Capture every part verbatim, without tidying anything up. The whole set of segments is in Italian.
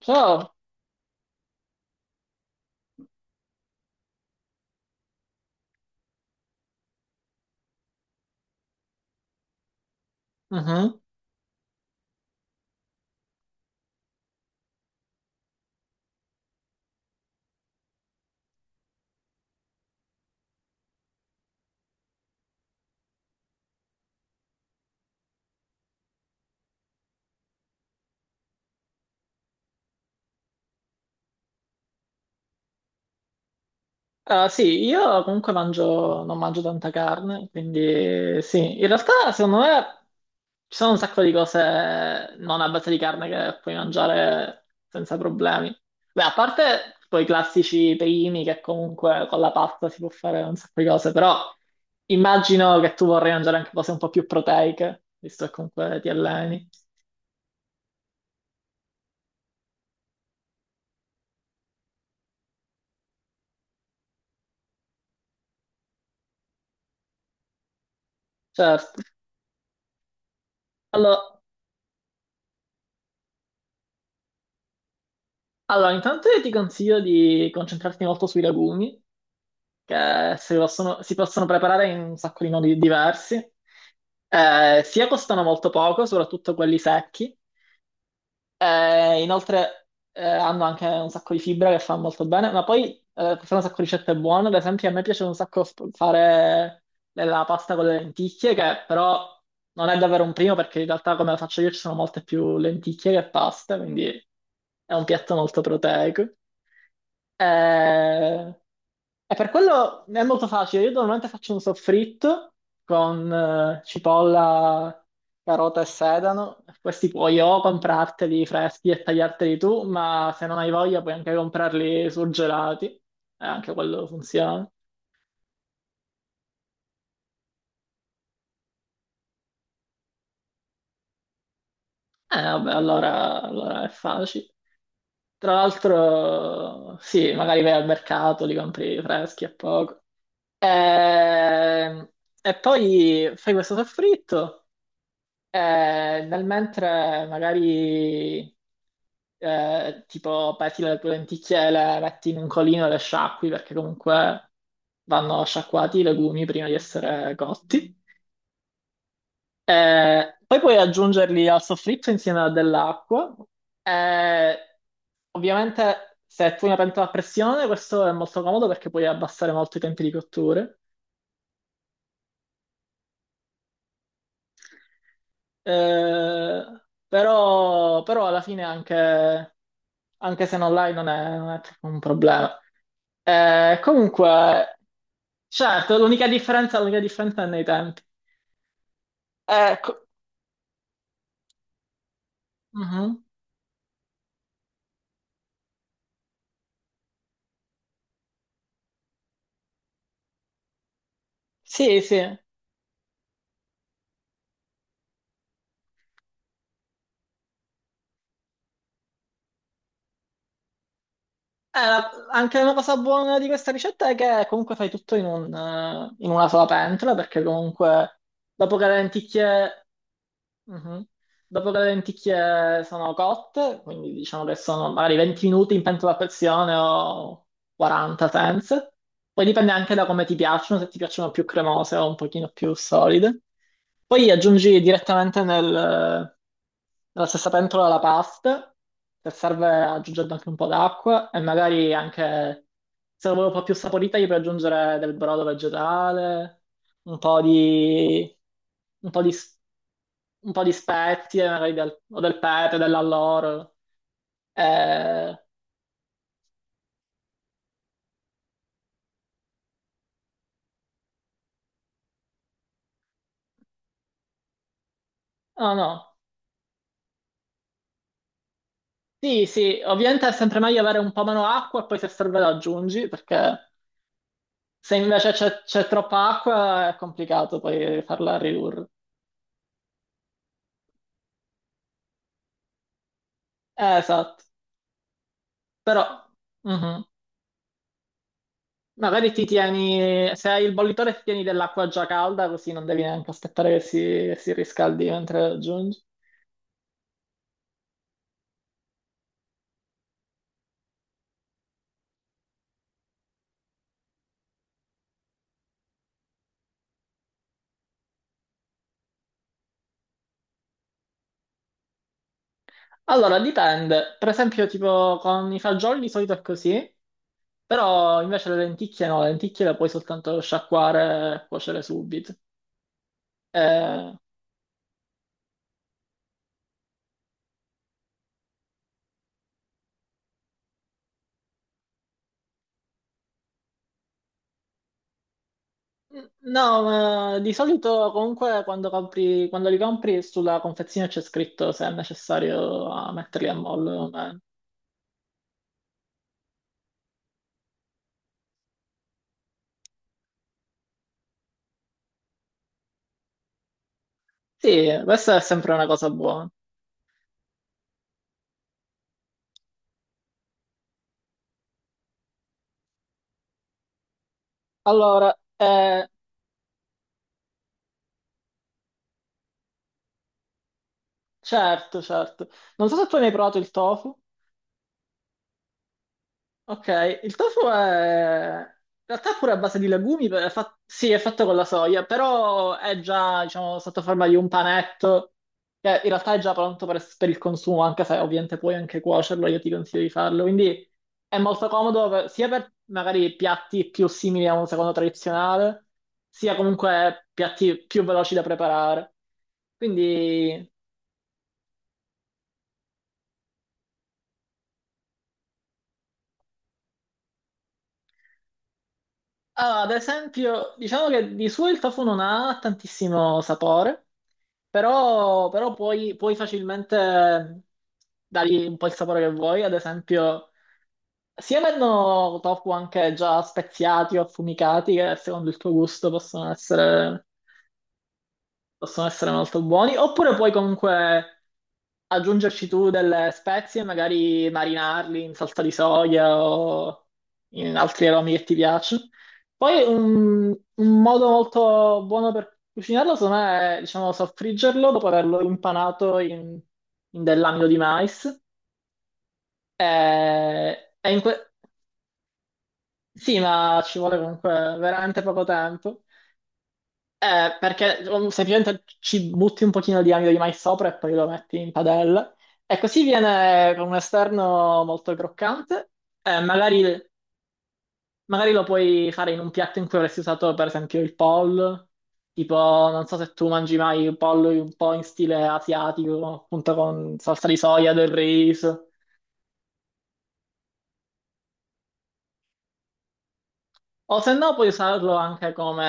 Ciao. Mhm. Ah, sì, io comunque mangio, non mangio tanta carne, quindi sì, in realtà secondo me ci sono un sacco di cose non a base di carne che puoi mangiare senza problemi. Beh, a parte poi i classici primi che comunque con la pasta si può fare un sacco di cose, però immagino che tu vorrai mangiare anche cose un po' più proteiche, visto che comunque ti alleni. Certo. Allora, allora intanto io ti consiglio di concentrarti molto sui legumi che si possono, si possono preparare in un sacco di modi diversi. Eh, sia costano molto poco, soprattutto quelli secchi. Eh, inoltre eh, hanno anche un sacco di fibra che fa molto bene, ma poi eh, sono un sacco di ricette buone, ad esempio a me piace un sacco f- fare la pasta con le lenticchie, che però non è davvero un primo perché in realtà come la faccio io ci sono molte più lenticchie che pasta, quindi è un piatto molto proteico. Eh, E per quello è molto facile. Io normalmente faccio un soffritto con eh, cipolla, carota e sedano. Questi puoi o comprarteli freschi e tagliarteli tu, ma se non hai voglia puoi anche comprarli surgelati. E anche quello funziona. Eh, vabbè, allora, allora è facile. Tra l'altro, sì, magari vai al mercato, li compri freschi a poco. Ehm, E poi fai questo soffritto. Eh, nel mentre magari eh, tipo peti le tue lenticchie, le metti in un colino e le sciacqui perché comunque vanno sciacquati i legumi prima di essere cotti. Eh, poi puoi aggiungerli al soffritto insieme a dell'acqua. Eh, Ovviamente se tu hai una pentola a pressione questo è molto comodo perché puoi abbassare molto i tempi di cottura. Eh, Però, però alla fine è anche anche se non l'hai non è, non è troppo un problema. Eh, comunque, certo, l'unica differenza, l'unica differenza è nei tempi. Eh, co- mhm. Sì, sì. Eh, la- anche una cosa buona di questa ricetta è che comunque fai tutto in, un, eh, in una sola pentola, perché comunque dopo che le lenticchie... Mhm. Dopo che le lenticchie sono cotte, quindi diciamo che sono magari venti minuti in pentola a pressione o quaranta senza. Poi dipende anche da come ti piacciono, se ti piacciono più cremose o un pochino più solide. Poi aggiungi direttamente nel- nella stessa pentola la pasta, se serve aggiungendo anche un po' d'acqua e magari anche, se la vuoi un po' più saporita, gli puoi aggiungere del brodo vegetale, un po' di, un po' di, s- un po' di spezie, magari del, o del pepe, dell'alloro. Eh, no, no. Sì, sì, ovviamente è sempre meglio avere un po' meno acqua e poi se serve la aggiungi perché... Se invece c'è c'è troppa acqua è complicato poi farla ridurre. Eh, esatto, però mhm. Magari ti tieni, se hai il bollitore ti tieni dell'acqua già calda così non devi neanche aspettare che si, che si riscaldi mentre la aggiungi. Allora, dipende. Per esempio, tipo con i fagioli di solito è così, però invece le lenticchie no, le lenticchie le puoi soltanto sciacquare e cuocere subito. Eh, No, ma di solito comunque quando compri, quando li compri sulla confezione c'è scritto se è necessario a metterli a mollo o meno. Sì, questa è sempre una cosa buona. Allora, eh, certo, certo. Non so se tu hai mai provato il tofu. Ok, il tofu è... In realtà è pure a base di legumi, è fa- sì, è fatto con la soia, però è già, diciamo, sotto forma di un panetto, che in realtà è già pronto per, per il consumo, anche se ovviamente puoi anche cuocerlo, io ti consiglio di farlo. Quindi è molto comodo per- sia per magari piatti più simili a un secondo tradizionale, sia comunque piatti più veloci da preparare. Quindi, ah, ad esempio, diciamo che di suo il tofu non ha tantissimo sapore. Però, però puoi, puoi facilmente dargli un po' il sapore che vuoi, ad esempio, sia vendono tofu anche già speziati o affumicati, che secondo il tuo gusto possono essere, possono essere molto buoni, oppure puoi comunque aggiungerci tu delle spezie, magari marinarli in salsa di soia o in altri aromi che ti piacciono. Poi un, un modo molto buono per cucinarlo, secondo me, è, diciamo, soffriggerlo dopo averlo impanato in, in dell'amido di mais. E- e in que- sì, ma ci vuole comunque veramente poco tempo. Eh, perché um, semplicemente ci butti un pochino di amido di mais sopra e poi lo metti in padella. E così viene con un esterno molto croccante. Eh, magari, magari lo puoi fare in un piatto in cui avresti usato, per esempio, il pollo. Tipo, non so se tu mangi mai il pollo un po' in stile asiatico, appunto con salsa di soia, del riso. O se no puoi usarlo anche come...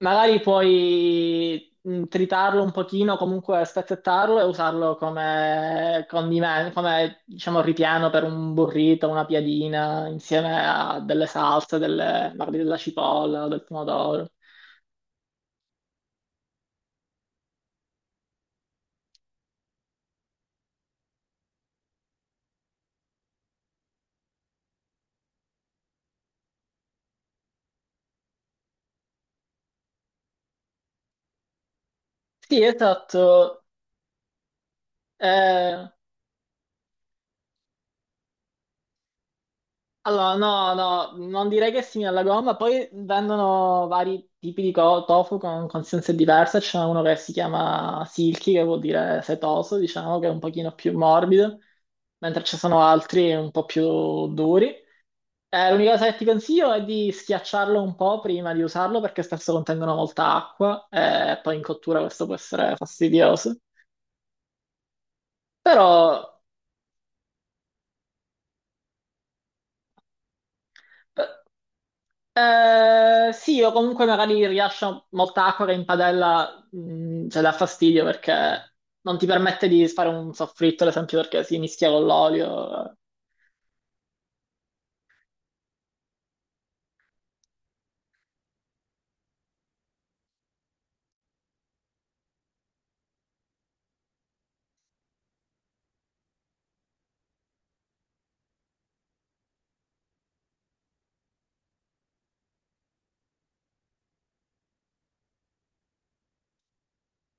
Magari puoi mh, tritarlo un pochino, comunque spezzettarlo e usarlo come condimento, come diciamo ripieno per un burrito, una piadina, insieme a delle salse, delle- magari della cipolla o del pomodoro. Sì, esatto. Eh, Allora, no, no, non direi che è simile alla gomma, poi vendono vari tipi di co- tofu con consistenze diverse, c'è uno che si chiama silky, che vuol dire setoso, diciamo, che è un pochino più morbido, mentre ci sono altri un po' più duri. Eh, l'unica cosa che ti consiglio è di schiacciarlo un po' prima di usarlo, perché spesso contengono molta acqua, e poi in cottura questo può essere fastidioso. Però... eh, Eh, sì, o comunque magari rilascio molta acqua che in padella, mh, cioè dà fastidio perché non ti permette di fare un soffritto, ad esempio, perché si mischia con l'olio.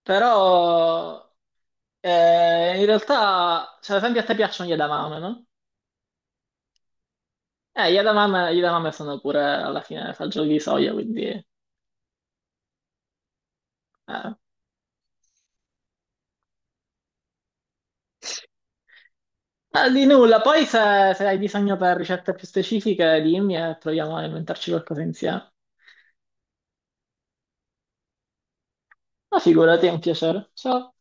Però eh, in realtà, cioè, ad esempio, a te piacciono gli edamame, no? Eh, gli edamame, gli edamame sono pure alla fine fagioli di soia, quindi eh. Eh, di nulla. Poi se, se hai bisogno per ricette più specifiche, dimmi e proviamo a inventarci qualcosa insieme. Ma figurati, è un piacere. Ciao.